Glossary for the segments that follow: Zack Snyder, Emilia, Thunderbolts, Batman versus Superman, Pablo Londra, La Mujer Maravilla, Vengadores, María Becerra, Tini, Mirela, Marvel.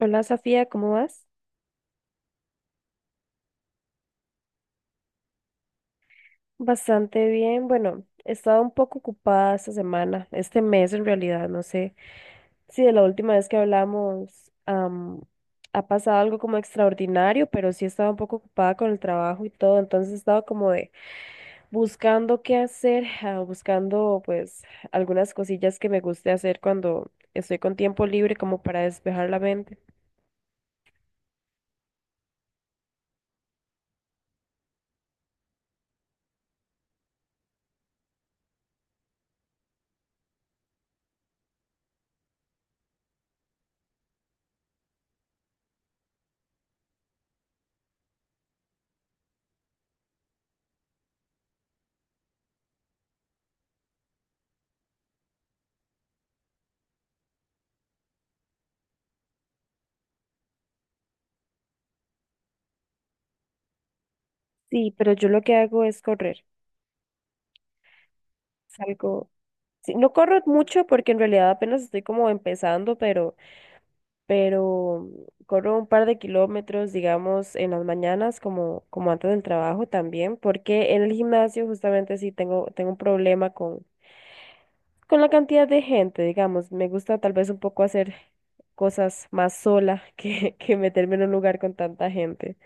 Hola Sofía, ¿cómo vas? Bastante bien. Bueno, he estado un poco ocupada esta semana, este mes en realidad, no sé si de la última vez que hablamos ha pasado algo como extraordinario, pero sí he estado un poco ocupada con el trabajo y todo, entonces he estado como de buscando qué hacer, buscando pues algunas cosillas que me guste hacer cuando estoy con tiempo libre como para despejar la mente. Sí, pero yo lo que hago es correr. Salgo. Sí, no corro mucho porque en realidad apenas estoy como empezando, pero corro un par de kilómetros, digamos, en las mañanas como, como antes del trabajo también, porque en el gimnasio justamente sí tengo, tengo un problema con la cantidad de gente, digamos. Me gusta tal vez un poco hacer cosas más sola que, que meterme en un lugar con tanta gente.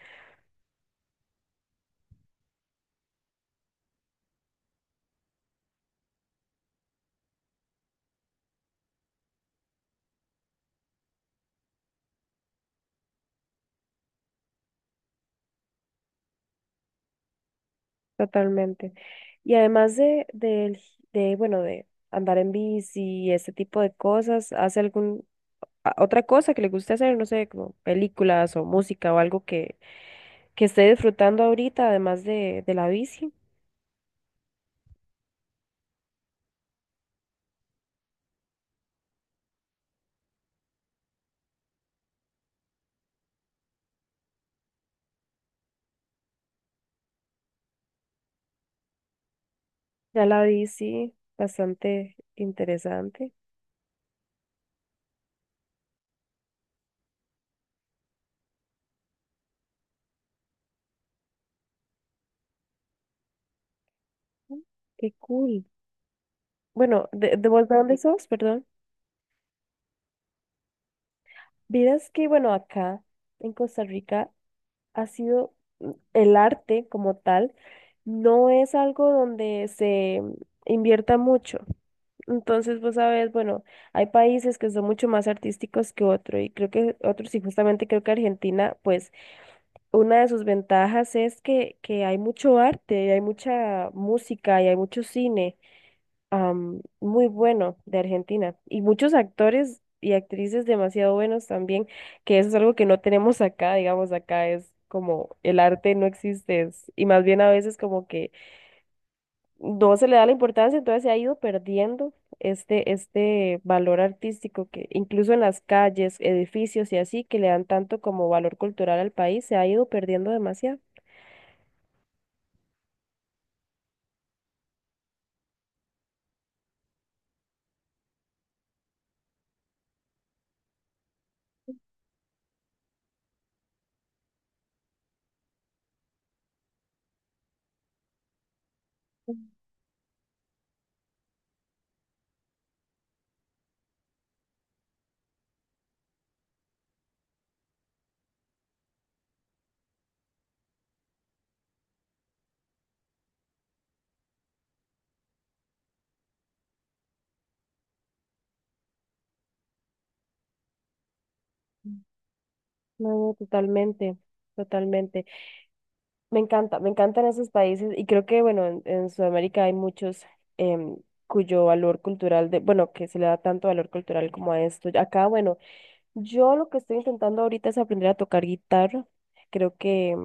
Totalmente. Y además de, de, bueno, de andar en bici y ese tipo de cosas, ¿hace algún otra cosa que le guste hacer, no sé, como películas o música o algo que esté disfrutando ahorita, además de la bici? Ya la bici, bastante interesante. Mm, qué cool. Bueno, de vos de dónde sos? Perdón. Vieras que, bueno, acá en Costa Rica ha sido el arte como tal, no es algo donde se invierta mucho. Entonces, vos sabes, bueno, hay países que son mucho más artísticos que otros y creo que otros, y justamente creo que Argentina, pues una de sus ventajas es que hay mucho arte, y hay mucha música y hay mucho cine muy bueno de Argentina y muchos actores y actrices demasiado buenos también, que eso es algo que no tenemos acá, digamos, acá es como el arte no existe y más bien a veces como que no se le da la importancia, entonces se ha ido perdiendo este, este valor artístico que incluso en las calles, edificios y así, que le dan tanto como valor cultural al país, se ha ido perdiendo demasiado. No, totalmente, totalmente. Me encanta, me encantan esos países y creo que, bueno, en Sudamérica hay muchos em, cuyo valor cultural, de, bueno, que se le da tanto valor cultural como a esto. Acá, bueno, yo lo que estoy intentando ahorita es aprender a tocar guitarra. Creo que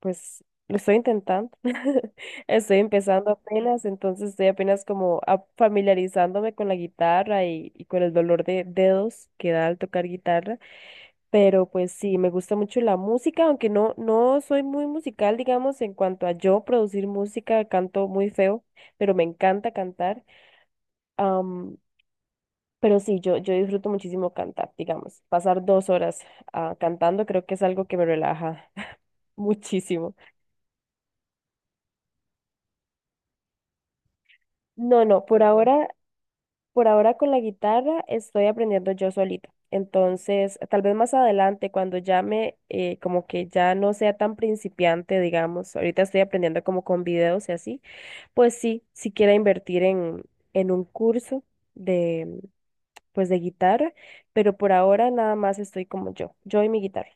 pues lo estoy intentando. Estoy empezando apenas, entonces estoy apenas como familiarizándome con la guitarra y con el dolor de dedos que da al tocar guitarra. Pero pues sí, me gusta mucho la música, aunque no, no soy muy musical, digamos, en cuanto a yo producir música, canto muy feo, pero me encanta cantar. Am, pero sí, yo disfruto muchísimo cantar, digamos. Pasar dos horas cantando creo que es algo que me relaja muchísimo. No, no, por ahora por ahora con la guitarra estoy aprendiendo yo solita. Entonces, tal vez más adelante, cuando ya me, como que ya no sea tan principiante, digamos, ahorita estoy aprendiendo como con videos y así, pues sí, si quiera invertir en un curso de, pues de guitarra, pero por ahora nada más estoy como yo y mi guitarra.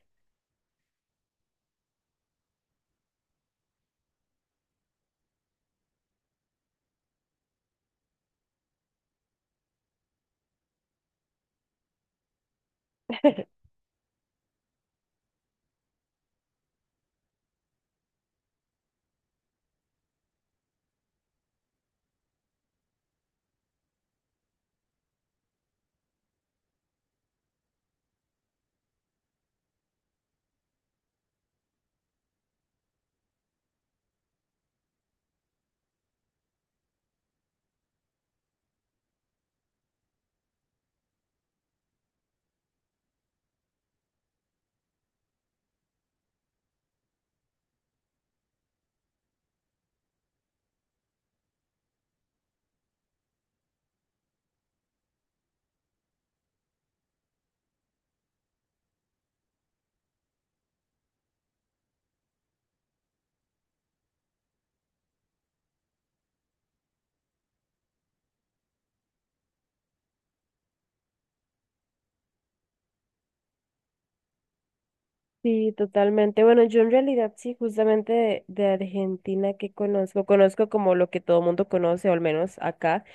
Sí, totalmente. Bueno, yo en realidad sí, justamente de Argentina que conozco, conozco como lo que todo mundo conoce, o al menos acá.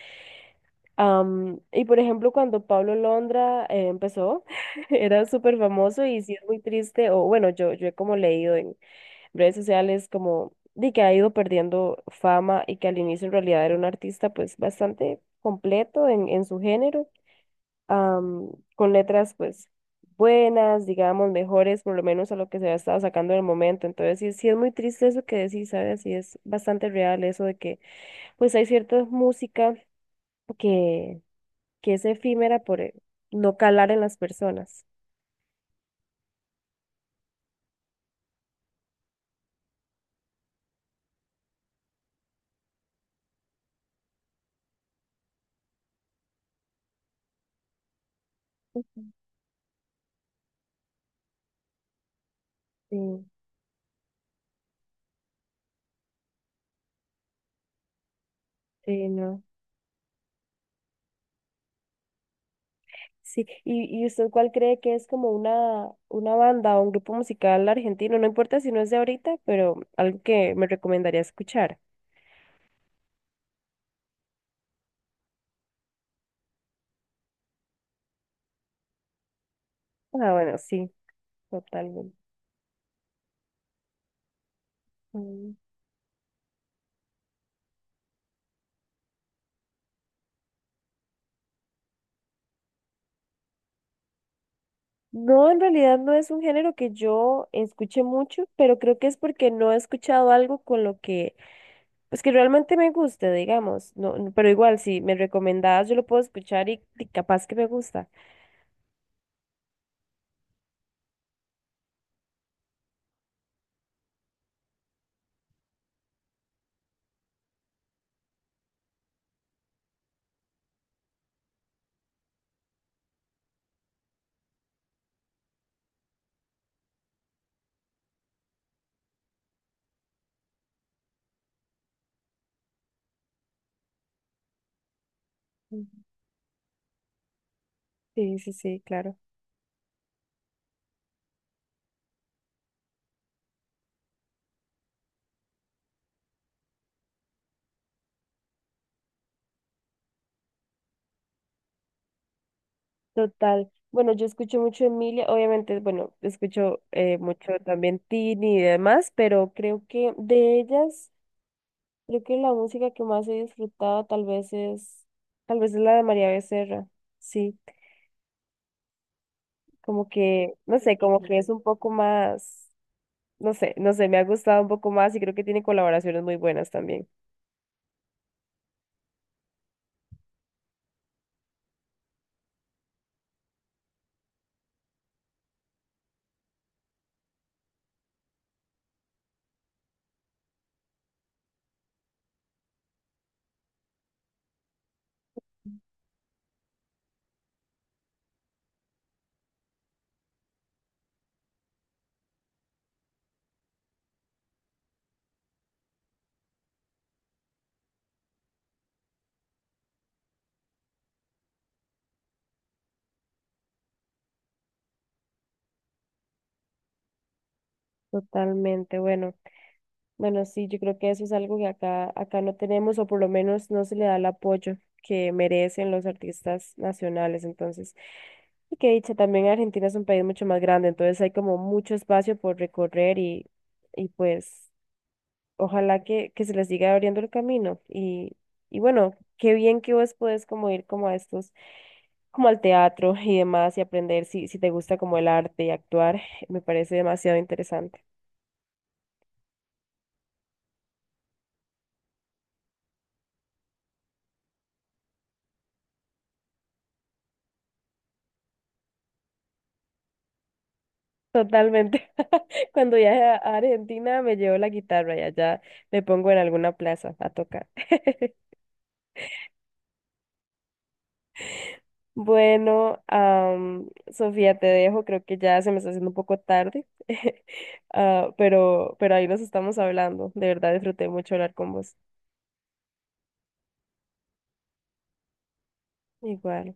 Am, y por ejemplo, cuando Pablo Londra empezó, era súper famoso y sí es muy triste, o bueno, yo he como leído en redes sociales como de que ha ido perdiendo fama y que al inicio en realidad era un artista pues bastante completo en su género, am, con letras pues buenas, digamos, mejores por lo menos a lo que se había estado sacando en el momento. Entonces sí, sí es muy triste eso que decís, ¿sabes? Sí es bastante real eso de que pues hay cierta música que que es efímera por no calar en las personas. Ujú. Sí, sí, no. Sí, ¿y, y usted cuál cree que es como una banda o un grupo musical argentino? No importa si no es de ahorita, pero algo que me recomendaría escuchar. Ah, bueno, sí, totalmente. Mm. No, en realidad no es un género que yo escuche mucho, pero creo que es porque no he escuchado algo con lo que, pues que realmente me guste, digamos. No, no, pero igual, si me recomendabas, yo lo puedo escuchar y capaz que me gusta. Sí, sí, sí, claro. Total. Bueno, yo escucho mucho Emilia, obviamente, bueno, escucho mucho también Tini y demás, pero creo que de ellas, creo que la música que más he disfrutado tal vez es la de María Becerra. Sí, como que, no sé, como que es un poco más, no sé, no sé, me ha gustado un poco más y creo que tiene colaboraciones muy buenas también. Totalmente, bueno. Bueno, sí, yo creo que eso es algo que acá, acá no tenemos o por lo menos no se le da el apoyo que merecen los artistas nacionales. Entonces, y que dicha, también Argentina es un país mucho más grande, entonces hay como mucho espacio por recorrer y pues ojalá que se les siga abriendo el camino. Y bueno, qué bien que vos podés como ir como a estos, como al teatro y demás y aprender si, si te gusta como el arte y actuar, me parece demasiado interesante. Totalmente. Cuando viaje a Argentina me llevo la guitarra y allá me pongo en alguna plaza a tocar. Bueno, Sofía, te dejo. Creo que ya se me está haciendo un poco tarde. Ah, pero ahí nos estamos hablando. De verdad disfruté mucho hablar con vos. Igual.